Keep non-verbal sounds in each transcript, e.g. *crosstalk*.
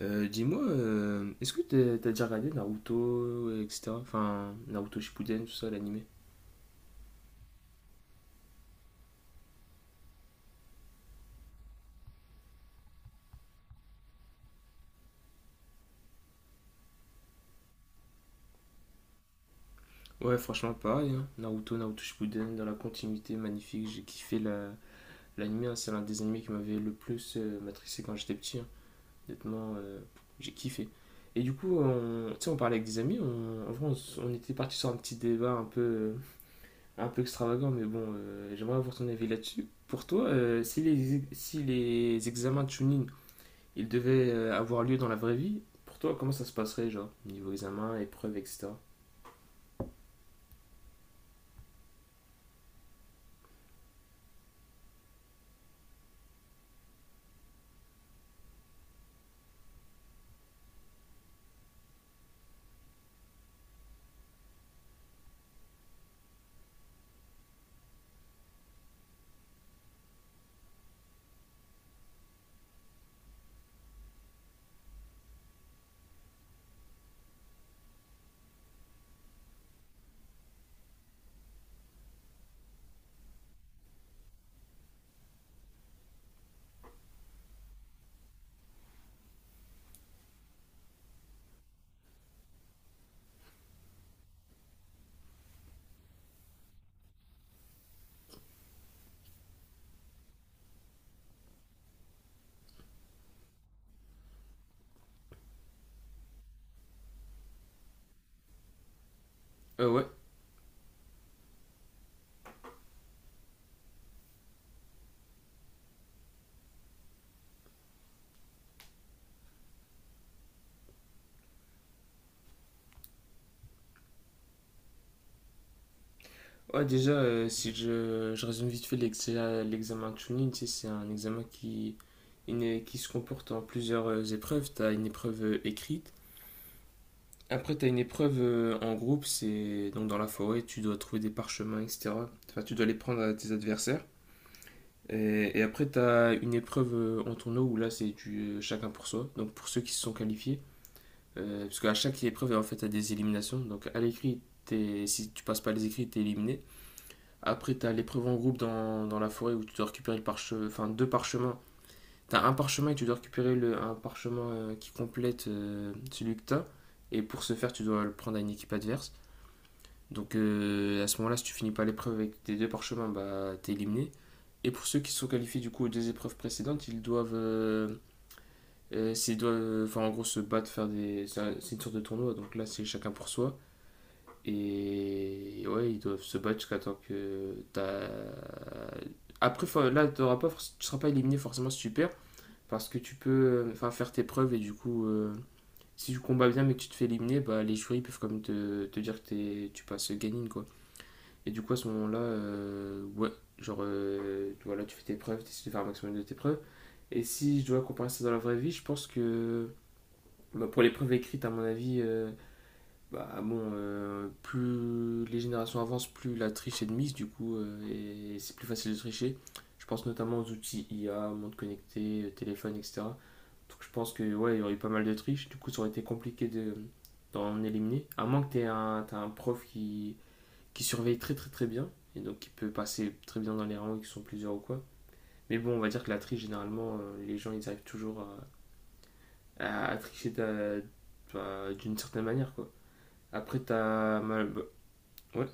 Dis-moi, est-ce que t'as déjà regardé Naruto, etc. Enfin, Naruto Shippuden, tout ça, l'animé. Ouais, franchement, pareil, hein. Naruto, Naruto Shippuden, dans la continuité, magnifique. J'ai kiffé l'animé, hein. C'est l'un des animés qui m'avait le plus matrixé quand j'étais petit, hein. Honnêtement, j'ai kiffé. Et du coup, tu sais, on parlait avec des amis. En vrai, on était parti sur un petit débat un peu extravagant, mais bon, j'aimerais avoir ton avis là-dessus. Pour toi, si si les examens de Chunin il devait avoir lieu dans la vraie vie, pour toi, comment ça se passerait, genre, niveau examen, épreuve, etc. Ouais. Ouais, déjà, si je résume vite fait l'examen de Chunin, tu sais, c'est un examen qui se comporte en plusieurs épreuves. Tu as une épreuve écrite. Après, tu as une épreuve en groupe, c'est donc dans la forêt, tu dois trouver des parchemins, etc. Enfin, tu dois les prendre à tes adversaires. Et après, tu as une épreuve en tournoi où là, c'est du chacun pour soi. Donc, pour ceux qui se sont qualifiés, parce qu'à chaque épreuve, en fait, tu as des éliminations. Donc à l'écrit, si tu passes pas les écrits, tu es éliminé. Après, tu as l'épreuve en groupe dans la forêt où tu dois récupérer enfin, deux parchemins. Tu as un parchemin et tu dois récupérer un parchemin qui complète celui que tu as. Et pour ce faire, tu dois le prendre à une équipe adverse. Donc à ce moment-là, si tu finis pas l'épreuve avec tes deux parchemins, bah, tu es éliminé. Et pour ceux qui sont qualifiés du coup aux deux épreuves précédentes, ils doivent, enfin en gros se battre, faire des, c'est une sorte de tournoi. Donc là, c'est chacun pour soi. Et ouais, ils doivent se battre jusqu'à temps que t'as. Après, fin, là, t'auras pas, forc- tu seras pas éliminé forcément super, parce que tu peux enfin, faire tes preuves et du coup, si tu combats bien mais que tu te fais éliminer, bah, les jurys peuvent quand même te dire que tu passes gagnine quoi. Et du coup, à ce moment-là, ouais, genre, voilà, tu fais tes preuves, tu essaies de faire un maximum de tes preuves. Et si je dois comparer ça dans la vraie vie, je pense que bah, pour les preuves écrites, à mon avis, bah bon, plus les générations avancent, plus la triche est de mise, du coup, et c'est plus facile de tricher. Je pense notamment aux outils I a monde connecté, téléphone, etc. Donc je pense que ouais, il y aurait eu pas mal de triches du coup ça aurait été compliqué de, d'en éliminer. À moins que t'as un prof qui surveille très très très bien, et donc qui peut passer très bien dans les rangs qui sont plusieurs ou quoi. Mais bon, on va dire que la triche, généralement, les gens ils arrivent toujours à tricher bah, d'une certaine manière quoi. Après, t'as mal... bah, ouais.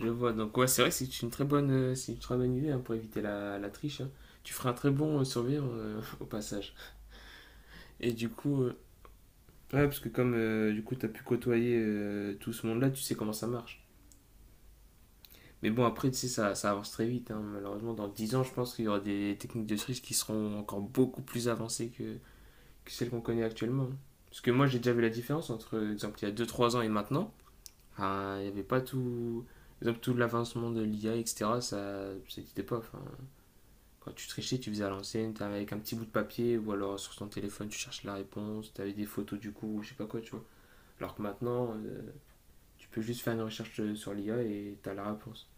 Je vois. Donc, ouais, c'est vrai que c'est une très bonne, c'est une très bonne idée hein, pour éviter la triche, hein. Tu feras un très bon survivre *laughs* au passage. Et du coup, ouais, parce que comme du coup, t'as pu côtoyer tout ce monde-là, tu sais comment ça marche. Mais bon, après, tu sais, ça avance très vite, hein. Malheureusement, dans 10 ans, je pense qu'il y aura des techniques de triche qui seront encore beaucoup plus avancées que celles qu'on connaît actuellement, hein. Parce que moi, j'ai déjà vu la différence entre, exemple, il y a deux trois ans et maintenant. Ah, il n'y avait pas tout. Exemple, tout l'avancement de l'IA, etc., ça n'existait pas. Enfin, quand tu trichais, tu faisais à l'ancienne, t'avais avec un petit bout de papier ou alors sur ton téléphone, tu cherches la réponse, t'avais des photos du coup, ou je sais pas quoi, tu vois. Alors que maintenant, tu peux juste faire une recherche sur l'IA et t'as la réponse.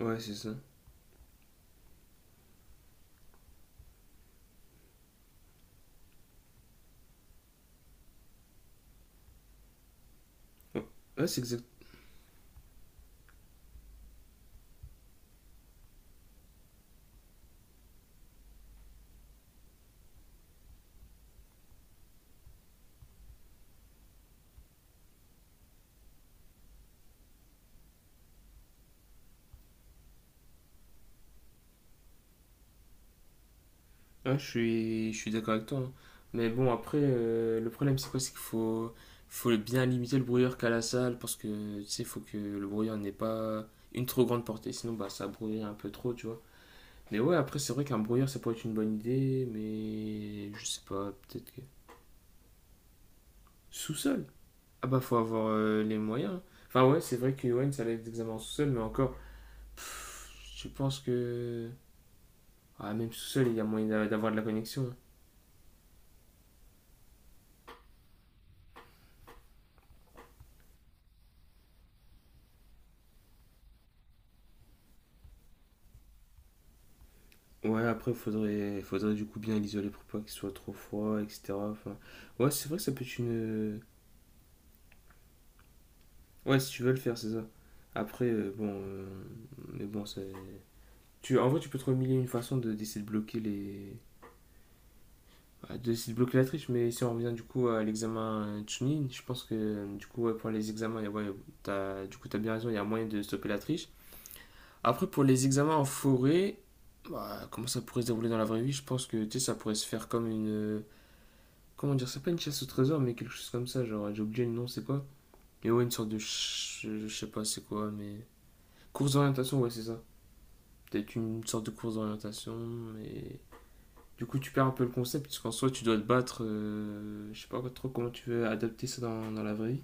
Ouais, c'est ça. Ouais. Ouais, c'est exact. Ouais, je suis d'accord avec toi, hein. Mais bon, après, le problème, c'est quoi? C'est qu'il faut, faut bien limiter le brouillard qu'a la salle parce que, tu sais, il faut que le brouillard n'ait pas une trop grande portée. Sinon, bah, ça brouille un peu trop, tu vois. Mais ouais, après, c'est vrai qu'un brouilleur, ça pourrait être une bonne idée, mais je sais pas, peut-être que. Sous-sol. Ah bah, faut avoir les moyens. Enfin, ouais, c'est vrai que Yoann, ça allait être examens en sous-sol, mais encore, pff, je pense que. Ah, même sous-sol, il y a moyen d'avoir de la connexion, hein. Ouais, après, faudrait, faudrait du coup bien l'isoler pour pas qu'il soit trop froid, etc. Enfin, ouais, c'est vrai que ça peut être une. Ouais, si tu veux le faire, c'est ça. Après, mais bon, c'est. Tu... En vrai, tu peux trouver mille et une façons d'essayer de bloquer les. Bah, de c'est bloquer la triche, mais si on revient du coup à l'examen Chunin, je pense que du coup ouais, pour les examens, ouais, du coup t'as bien raison, il y a moyen de stopper la triche. Après pour les examens en forêt, bah, comment ça pourrait se dérouler dans la vraie vie, je pense que tu sais, ça pourrait se faire comme une... Comment dire, c'est pas une chasse au trésor, mais quelque chose comme ça, genre j'ai oublié le nom, c'est quoi? Mais ouais, une sorte de... je sais pas c'est quoi, mais... Course d'orientation, ouais c'est ça. Peut-être une sorte de course d'orientation, mais... Du coup, tu perds un peu le concept, puisqu'en soi, tu dois te battre. Je sais pas trop comment tu veux adapter ça dans la vraie vie.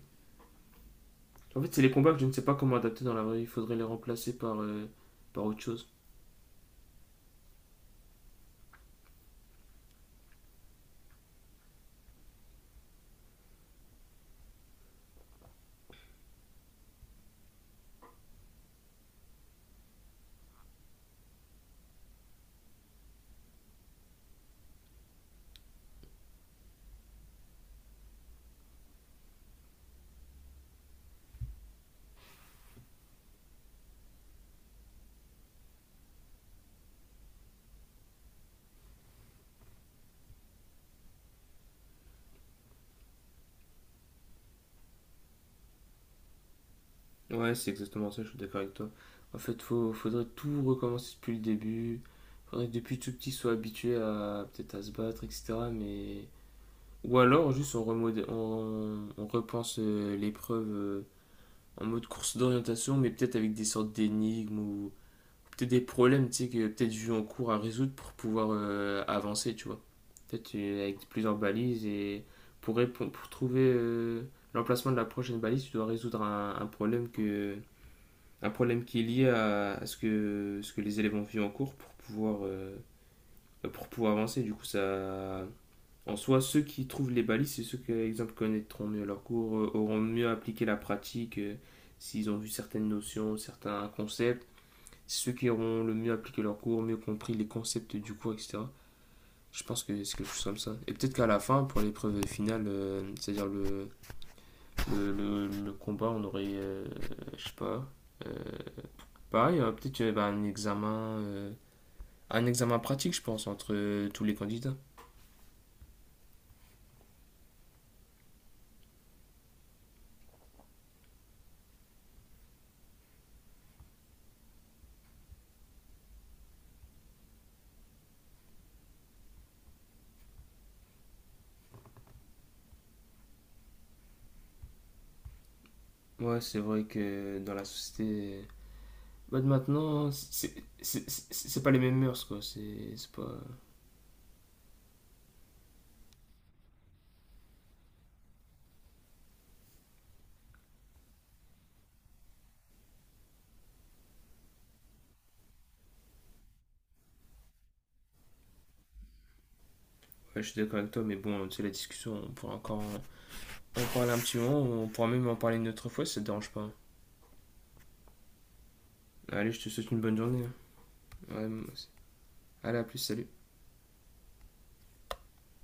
En fait, c'est les combats que je ne sais pas comment adapter dans la vraie vie. Il faudrait les remplacer par, par autre chose. Ouais, c'est exactement ça, je suis d'accord avec toi. En fait, faudrait tout recommencer depuis le début. Faudrait que depuis tout petit, soit habitué à peut-être à se battre, etc. Mais... Ou alors, juste, on repense l'épreuve en mode course d'orientation, mais peut-être avec des sortes d'énigmes ou peut-être des problèmes, tu sais, que peut-être vu en cours à résoudre pour pouvoir avancer, tu vois. Peut-être avec plusieurs balises et pour, pour trouver l'emplacement de la prochaine balise, tu dois résoudre un problème que un problème qui est lié à ce que les élèves ont vu en cours pour pouvoir avancer. Du coup, ça en soi, ceux qui trouvent les balises, c'est ceux qui, par exemple, connaîtront mieux leur cours, auront mieux appliqué la pratique, s'ils ont vu certaines notions, certains concepts ceux qui auront le mieux appliqué leur cours, mieux compris les concepts du cours, etc. Je pense que c'est quelque chose comme ça. Et peut-être qu'à la fin, pour l'épreuve finale, c'est-à-dire le combat, on aurait, je sais pas, euh, pareil, peut-être qu'il y aurait bah, un examen pratique, je pense, entre tous les candidats. Ouais, c'est vrai que dans la société, bah, de maintenant, c'est pas les mêmes mœurs, quoi. C'est pas. Ouais, je suis d'accord avec toi, mais bon, tu sais, la discussion, on pourra encore. On parle un petit moment, on pourra même en parler une autre fois si ça te dérange pas. Allez, je te souhaite une bonne journée, hein. Ouais, moi aussi. Allez, à plus, salut.